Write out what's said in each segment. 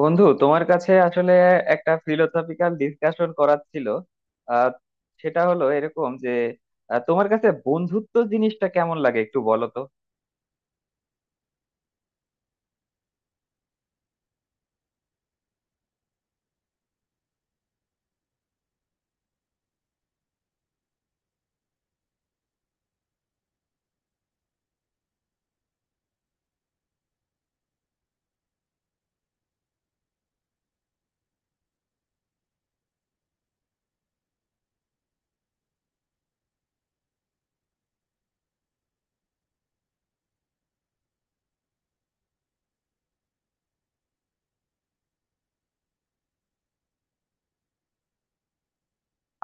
বন্ধু, তোমার কাছে আসলে একটা ফিলোসফিক্যাল ডিসকাশন করার ছিল। আহ সেটা হলো এরকম যে তোমার কাছে বন্ধুত্ব জিনিসটা কেমন লাগে একটু বলো তো।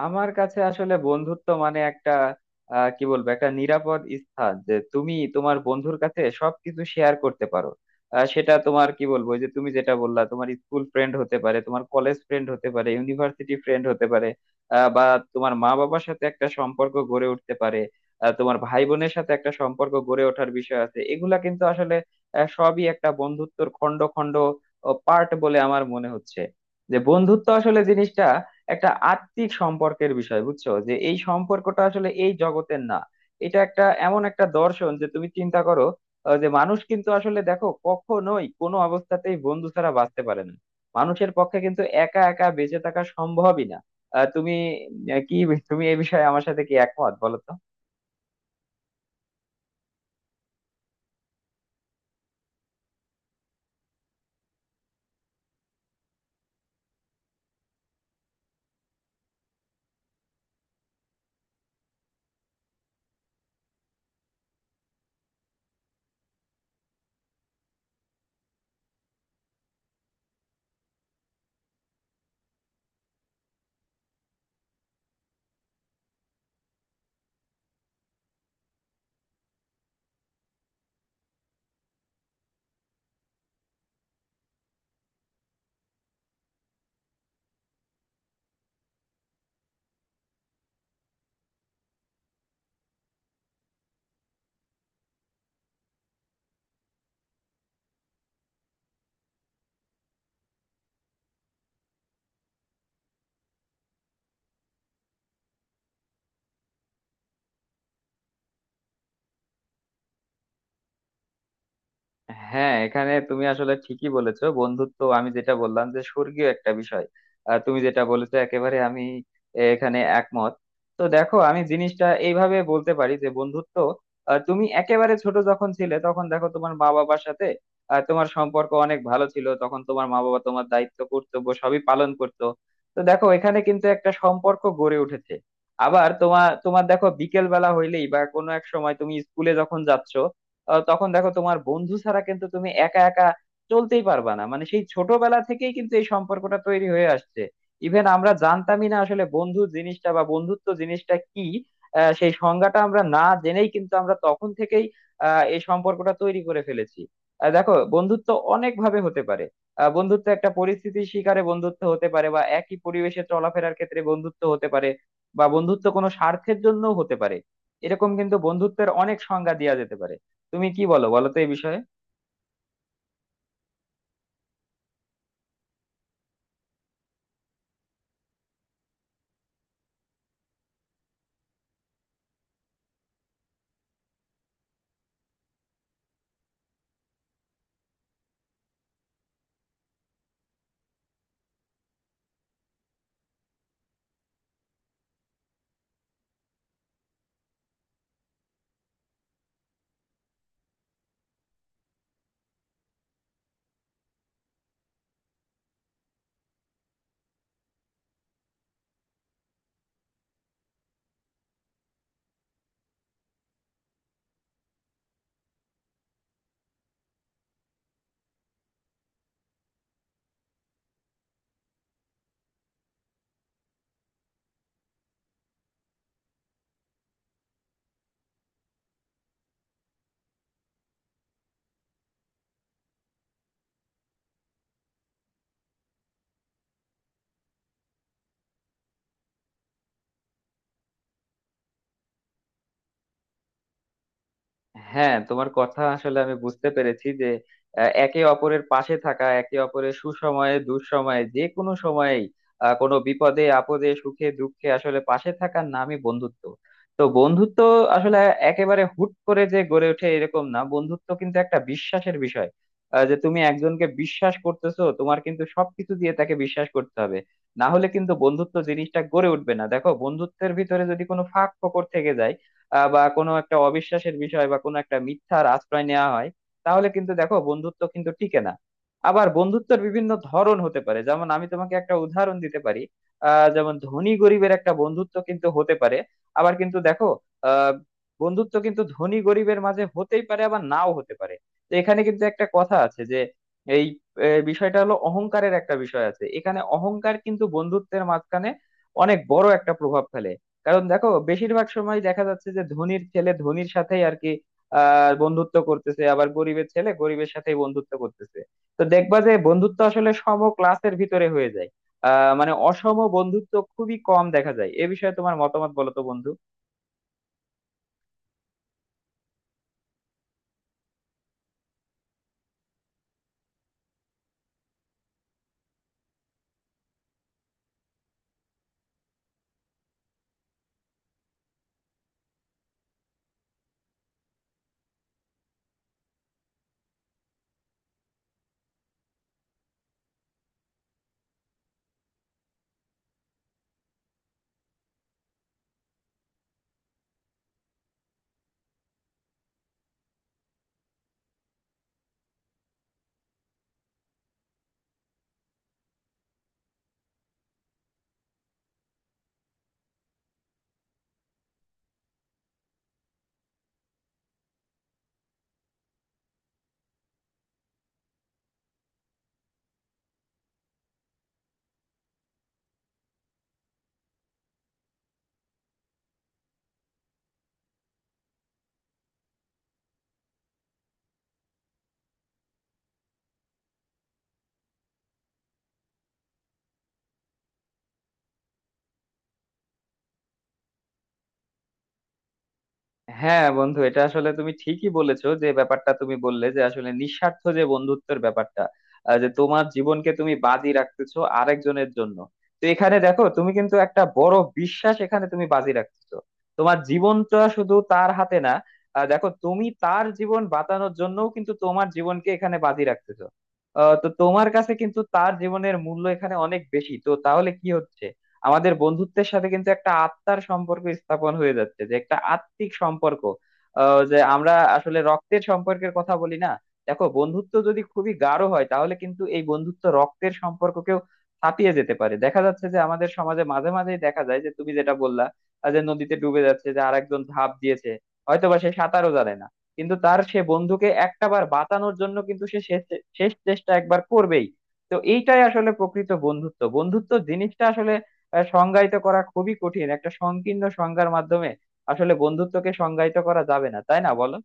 আমার কাছে আসলে বন্ধুত্ব মানে একটা আহ, কি বলবো একটা নিরাপদ স্থান, যে তুমি তোমার বন্ধুর কাছে সবকিছু শেয়ার করতে পারো। সেটা তোমার, কি বলবো ওই যে তুমি যেটা বললা, তোমার স্কুল ফ্রেন্ড হতে পারে, তোমার কলেজ ফ্রেন্ড হতে পারে, ইউনিভার্সিটি ফ্রেন্ড হতে পারে, বা তোমার মা বাবার সাথে একটা সম্পর্ক গড়ে উঠতে পারে। তোমার ভাই বোনের সাথে একটা সম্পর্ক গড়ে ওঠার বিষয় আছে। এগুলা কিন্তু আসলে সবই একটা বন্ধুত্বর খণ্ড খণ্ড পার্ট বলে আমার মনে হচ্ছে। যে বন্ধুত্ব আসলে জিনিসটা একটা আত্মিক সম্পর্কের বিষয়, বুঝছো, যে এই সম্পর্কটা আসলে এই জগতের না। এটা একটা এমন একটা দর্শন যে তুমি চিন্তা করো, যে মানুষ কিন্তু আসলে দেখো কখনোই কোনো অবস্থাতেই বন্ধু ছাড়া বাঁচতে পারে না। মানুষের পক্ষে কিন্তু একা একা বেঁচে থাকা সম্ভবই না। আহ, তুমি আহ, কি তুমি এই বিষয়ে আমার সাথে কি একমত বলো তো। হ্যাঁ, এখানে তুমি আসলে ঠিকই বলেছো, বন্ধুত্ব আমি যেটা বললাম যে স্বর্গীয় একটা বিষয়। আর তুমি যেটা বলেছো একেবারে, আমি এখানে একমত। তো দেখো, আমি জিনিসটা এইভাবে বলতে পারি যে বন্ধুত্ব, তুমি একেবারে ছোট যখন ছিলে তখন দেখো তোমার মা বাবার সাথে তোমার সম্পর্ক অনেক ভালো ছিল, তখন তোমার মা বাবা তোমার দায়িত্ব কর্তব্য সবই পালন করতো। তো দেখো, এখানে কিন্তু একটা সম্পর্ক গড়ে উঠেছে। আবার তোমার তোমার দেখো, বিকেল বেলা হইলেই বা কোনো এক সময় তুমি স্কুলে যখন যাচ্ছ তখন দেখো তোমার বন্ধু ছাড়া কিন্তু তুমি একা একা চলতেই পারবা না। মানে সেই ছোটবেলা থেকেই কিন্তু এই সম্পর্কটা তৈরি হয়ে আসছে। ইভেন আমরা জানতামই না আসলে বন্ধু জিনিসটা বা বন্ধুত্ব জিনিসটা কি। সেই সংজ্ঞাটা আমরা না জেনেই কিন্তু আমরা তখন থেকেই এই সম্পর্কটা তৈরি করে ফেলেছি। দেখো, বন্ধুত্ব অনেক ভাবে হতে পারে। বন্ধুত্ব একটা পরিস্থিতির শিকারে বন্ধুত্ব হতে পারে, বা একই পরিবেশে চলাফেরার ক্ষেত্রে বন্ধুত্ব হতে পারে, বা বন্ধুত্ব কোনো স্বার্থের জন্য হতে পারে। এরকম কিন্তু বন্ধুত্বের অনেক সংজ্ঞা দেওয়া যেতে পারে। তুমি কি বলো বলো তো এই বিষয়ে। হ্যাঁ, তোমার কথা আসলে আমি বুঝতে পেরেছি যে একে অপরের পাশে থাকা, একে অপরের সুসময়ে দুঃসময়ে যে কোনো সময়েই কোনো বিপদে আপদে সুখে দুঃখে আসলে পাশে থাকার নামই বন্ধুত্ব। তো বন্ধুত্ব আসলে একেবারে হুট করে যে গড়ে ওঠে এরকম না, বন্ধুত্ব কিন্তু একটা বিশ্বাসের বিষয়। যে তুমি একজনকে বিশ্বাস করতেছো, তোমার কিন্তু সবকিছু দিয়ে তাকে বিশ্বাস করতে হবে। না হলে কিন্তু বন্ধুত্ব জিনিসটা গড়ে উঠবে না। দেখো, বন্ধুত্বের ভিতরে যদি কোনো ফাঁক ফোকর থেকে যায় বা কোনো একটা অবিশ্বাসের বিষয় বা কোনো একটা মিথ্যার আশ্রয় নেওয়া হয়, তাহলে কিন্তু দেখো বন্ধুত্ব কিন্তু টিকে না। আবার বন্ধুত্বের বিভিন্ন ধরন হতে পারে, যেমন আমি তোমাকে একটা উদাহরণ দিতে পারি। যেমন ধনী গরিবের একটা বন্ধুত্ব কিন্তু হতে পারে। আবার কিন্তু দেখো আহ বন্ধুত্ব কিন্তু ধনী গরিবের মাঝে হতেই পারে আবার নাও হতে পারে। তো এখানে কিন্তু একটা কথা আছে যে, এই বিষয়টা হলো অহংকারের একটা বিষয় আছে এখানে। অহংকার কিন্তু বন্ধুত্বের মাঝখানে অনেক বড় একটা প্রভাব ফেলে। কারণ দেখো, বেশিরভাগ সময় দেখা যাচ্ছে যে ধনীর ছেলে ধনীর সাথেই আর কি বন্ধুত্ব করতেছে, আবার গরিবের ছেলে গরিবের সাথেই বন্ধুত্ব করতেছে। তো দেখবা যে বন্ধুত্ব আসলে সম ক্লাসের ভিতরে হয়ে যায়। মানে অসম বন্ধুত্ব খুবই কম দেখা যায়। এ বিষয়ে তোমার মতামত বলো তো বন্ধু। হ্যাঁ বন্ধু, এটা আসলে তুমি ঠিকই বলেছো, যে ব্যাপারটা তুমি বললে যে আসলে নিঃস্বার্থ যে বন্ধুত্বের ব্যাপারটা, যে তোমার জীবনকে তুমি বাজি রাখতেছো আরেকজনের জন্য। তো এখানে দেখো, তুমি কিন্তু একটা বড় বিশ্বাস এখানে তুমি বাজি রাখতেছো। তোমার জীবনটা শুধু তার হাতে না, দেখো তুমি তার জীবন বাঁচানোর জন্যও কিন্তু তোমার জীবনকে এখানে বাজি রাখতেছো। তো তোমার কাছে কিন্তু তার জীবনের মূল্য এখানে অনেক বেশি। তো তাহলে কি হচ্ছে, আমাদের বন্ধুত্বের সাথে কিন্তু একটা আত্মার সম্পর্ক স্থাপন হয়ে যাচ্ছে, যে একটা আত্মিক সম্পর্ক। যে আমরা আসলে রক্তের সম্পর্কের কথা বলি না। দেখো বন্ধুত্ব যদি খুবই গাঢ় হয়, তাহলে কিন্তু এই বন্ধুত্ব রক্তের সম্পর্ককেও ছাপিয়ে যেতে পারে। দেখা যাচ্ছে যে আমাদের সমাজে মাঝে মাঝেই দেখা যায়, যে তুমি যেটা বললা যে নদীতে ডুবে যাচ্ছে, যে আরেকজন ঝাঁপ দিয়েছে। হয়তো বা সে সাঁতারও জানে না, কিন্তু তার সে বন্ধুকে একটা বার বাঁচানোর জন্য কিন্তু সে শেষ শেষ চেষ্টা একবার করবেই। তো এইটাই আসলে প্রকৃত বন্ধুত্ব। বন্ধুত্ব জিনিসটা আসলে সংজ্ঞায়িত করা খুবই কঠিন একটা সংকীর্ণ সংজ্ঞার মাধ্যমে। আসলে বন্ধুত্বকে সংজ্ঞায়িত করা যাবে না, তাই না বলো।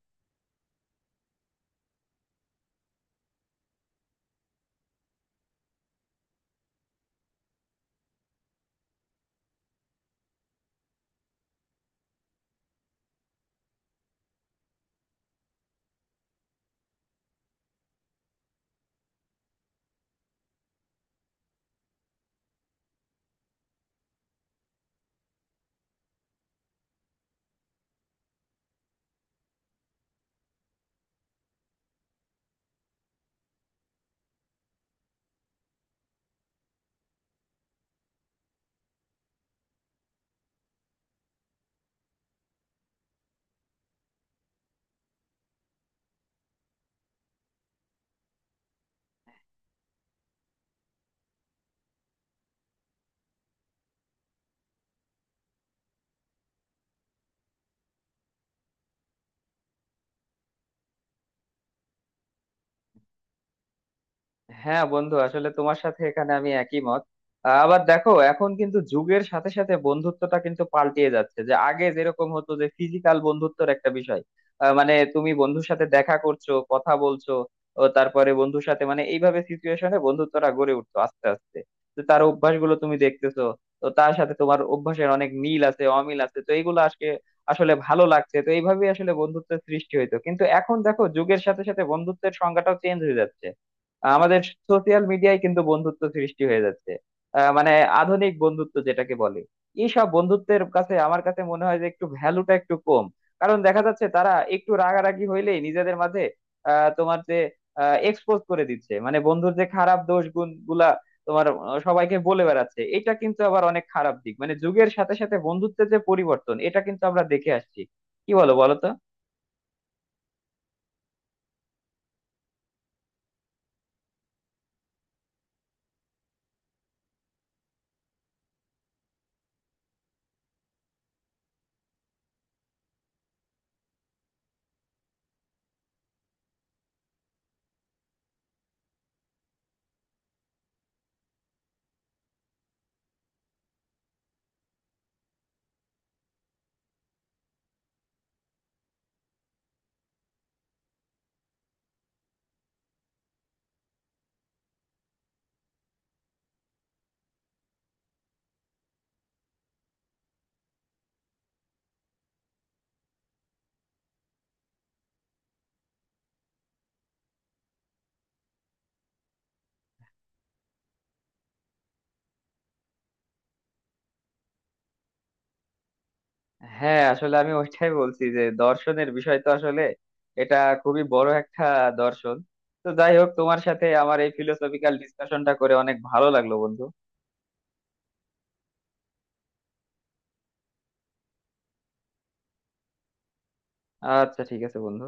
হ্যাঁ বন্ধু, আসলে তোমার সাথে এখানে আমি একই মত। আবার দেখো, এখন কিন্তু যুগের সাথে সাথে বন্ধুত্বটা কিন্তু পাল্টিয়ে যাচ্ছে। যে আগে যেরকম হতো যে ফিজিক্যাল বন্ধুত্বর একটা বিষয়, মানে তুমি বন্ধুর সাথে দেখা করছো, কথা বলছো, ও তারপরে বন্ধুর সাথে মানে এইভাবে সিচুয়েশনে বন্ধুত্বটা গড়ে উঠতো আস্তে আস্তে। তো তার অভ্যাসগুলো তুমি দেখতেছো, তো তার সাথে তোমার অভ্যাসের অনেক মিল আছে, অমিল আছে, তো এইগুলো আজকে আসলে ভালো লাগছে। তো এইভাবেই আসলে বন্ধুত্বের সৃষ্টি হইতো, কিন্তু এখন দেখো যুগের সাথে সাথে বন্ধুত্বের সংজ্ঞাটাও চেঞ্জ হয়ে যাচ্ছে। আমাদের সোশিয়াল মিডিয়ায় কিন্তু বন্ধুত্ব সৃষ্টি হয়ে যাচ্ছে। আহ, মানে আধুনিক বন্ধুত্ব যেটাকে বলে, এইসব বন্ধুত্বের কাছে আমার কাছে মনে হয় যে একটু ভ্যালুটা একটু কম। কারণ দেখা যাচ্ছে তারা একটু রাগারাগি হইলেই নিজেদের মাঝে আহ, তোমার যে এক্সপোজ করে দিচ্ছে, মানে বন্ধুর যে খারাপ দোষ গুণ গুলা তোমার সবাইকে বলে বেড়াচ্ছে। এটা কিন্তু আবার অনেক খারাপ দিক, মানে যুগের সাথে সাথে বন্ধুত্বের যে পরিবর্তন এটা কিন্তু আমরা দেখে আসছি। কি বলো বলো তো। হ্যাঁ আসলে আমি ওইটাই বলছি, যে দর্শনের বিষয় তো আসলে এটা খুবই বড় একটা দর্শন। তো যাই হোক, তোমার সাথে আমার এই ফিলোসফিক্যাল ডিসকাশনটা করে অনেক ভালো লাগলো বন্ধু। আচ্ছা ঠিক আছে বন্ধু।